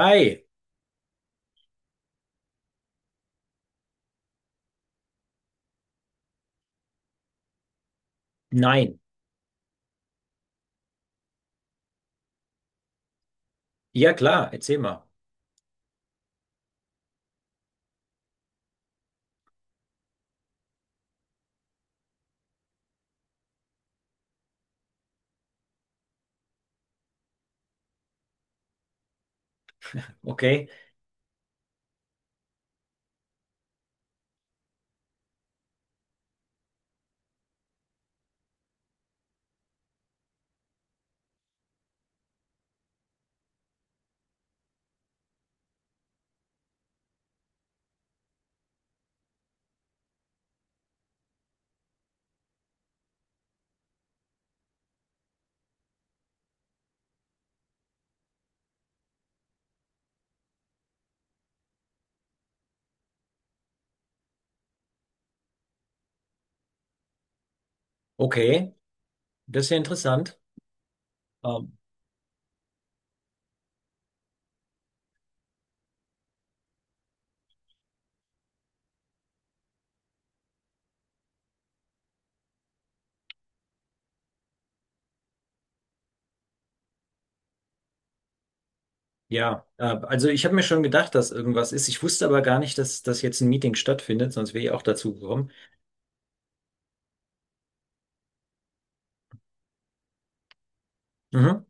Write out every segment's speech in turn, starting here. Hi, nein. Ja klar, erzähl mal. Okay, okay, das ist ja interessant. Ähm, ja, also ich habe mir schon gedacht, dass irgendwas ist. Ich wusste aber gar nicht, dass das jetzt ein Meeting stattfindet, sonst wäre ich auch dazu gekommen. Mhm,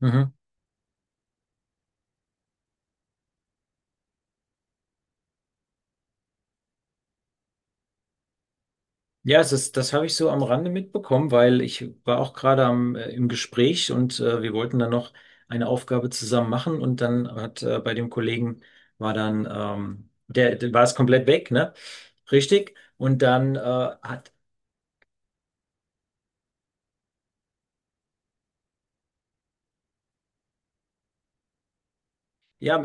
mhm. Ja, es ist, das habe ich so am Rande mitbekommen, weil ich war auch gerade im Gespräch und wir wollten dann noch eine Aufgabe zusammen machen und dann hat bei dem Kollegen war dann der war es komplett weg, ne? Richtig. Und dann hat, ja,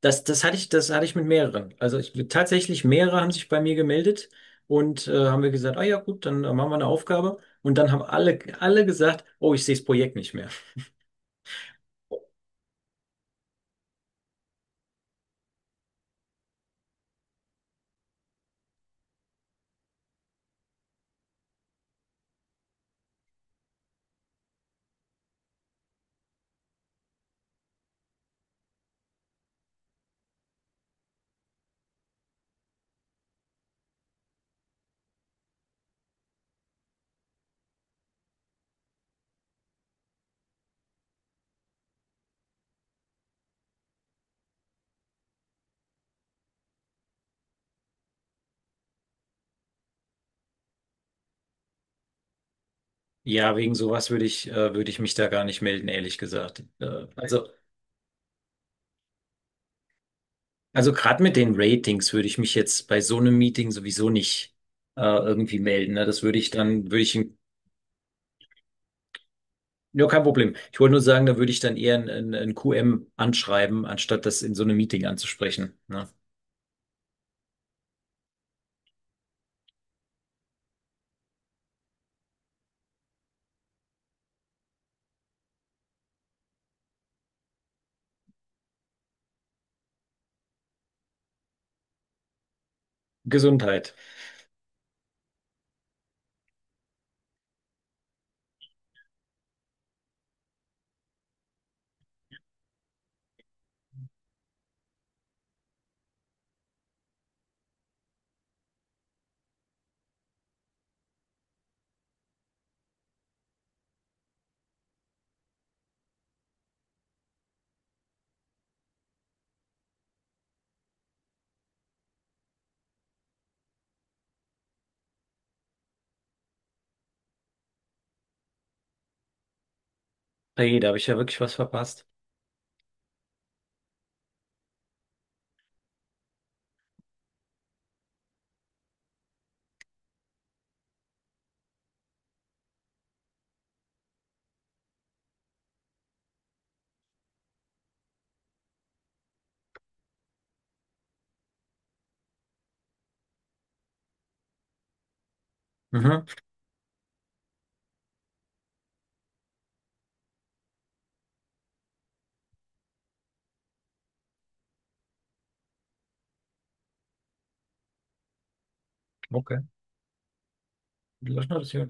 das hatte ich mit mehreren. Also ich, tatsächlich mehrere haben sich bei mir gemeldet und haben wir gesagt, ah ja gut, dann machen wir eine Aufgabe. Und dann haben alle gesagt, oh, ich sehe das Projekt nicht mehr. Ja, wegen sowas würde ich mich da gar nicht melden, ehrlich gesagt. Also gerade mit den Ratings würde ich mich jetzt bei so einem Meeting sowieso nicht irgendwie melden. Ne? Das würde ich dann, würde ich. Ja, kein Problem. Ich wollte nur sagen, da würde ich dann eher ein QM anschreiben, anstatt das in so einem Meeting anzusprechen. Ne? Gesundheit. Hey, da habe ich ja wirklich was verpasst. Mhm. Okay. Löschnotation.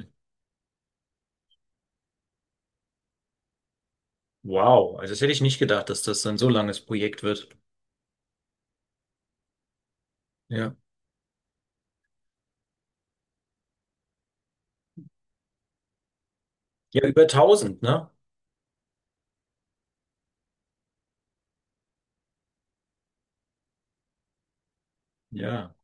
Wow, also das hätte ich nicht gedacht, dass das so ein so langes Projekt wird. Ja. Ja, über 1000, ne? Ja,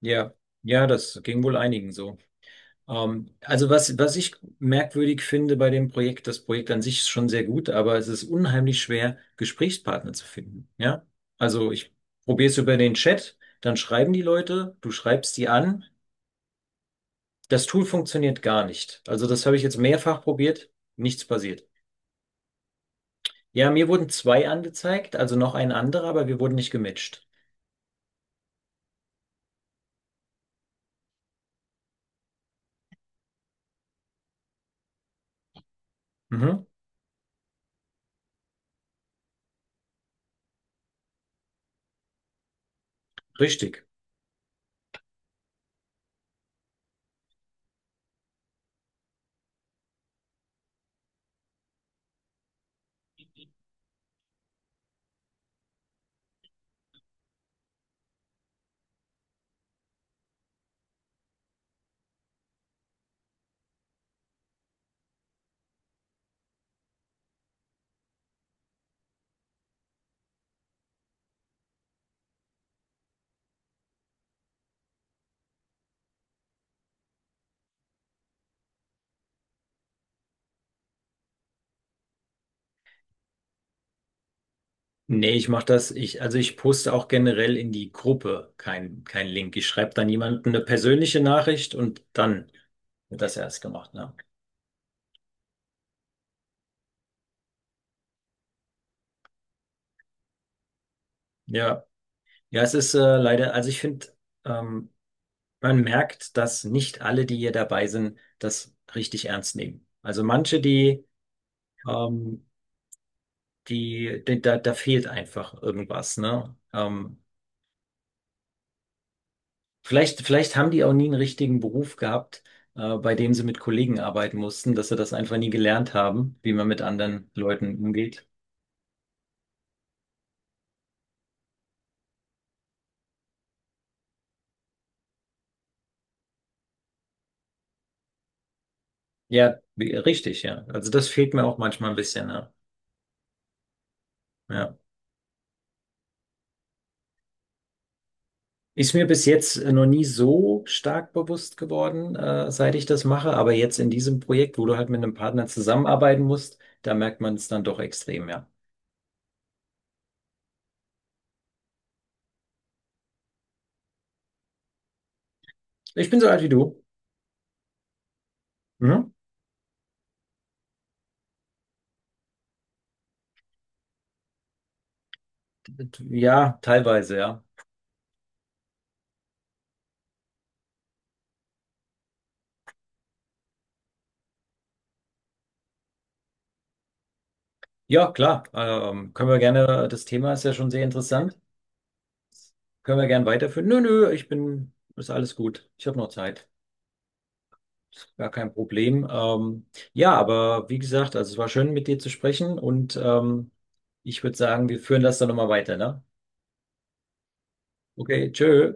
ja, ja, ja, das ging wohl einigen so. Also was ich merkwürdig finde bei dem Projekt, das Projekt an sich ist schon sehr gut, aber es ist unheimlich schwer, Gesprächspartner zu finden. Ja, also ich probiere es über den Chat, dann schreiben die Leute, du schreibst die an. Das Tool funktioniert gar nicht. Also das habe ich jetzt mehrfach probiert, nichts passiert. Ja, mir wurden zwei angezeigt, also noch ein anderer, aber wir wurden nicht gematcht. Mhm, richtig. Nee, ich mache das, ich, also ich poste auch generell in die Gruppe kein Link. Ich schreibe dann jemandem eine persönliche Nachricht und dann wird das erst gemacht, ne? Ja. Ja, es ist leider, also ich finde, ähm, man merkt, dass nicht alle, die hier dabei sind, das richtig ernst nehmen. Also manche, ähm, die, da da fehlt einfach irgendwas, ne? Vielleicht, vielleicht haben die auch nie einen richtigen Beruf gehabt, bei dem sie mit Kollegen arbeiten mussten, dass sie das einfach nie gelernt haben, wie man mit anderen Leuten umgeht. Ja, wie- richtig, ja. Also das fehlt mir auch manchmal ein bisschen, ja. Ja. Ist mir bis jetzt noch nie so stark bewusst geworden, seit ich das mache, aber jetzt in diesem Projekt, wo du halt mit einem Partner zusammenarbeiten musst, da merkt man es dann doch extrem, ja. Ich bin so alt wie du. Mhm. Ja, teilweise, ja. Ja, klar. Können wir gerne, das Thema ist ja schon sehr interessant. Können wir gern weiterführen? Nö, nö, ich bin, ist alles gut. Ich habe noch Zeit. Gar kein Problem. Ja, aber wie gesagt, also es war schön, mit dir zu sprechen und ich würde sagen, wir führen das dann nochmal weiter, ne? Okay, tschö.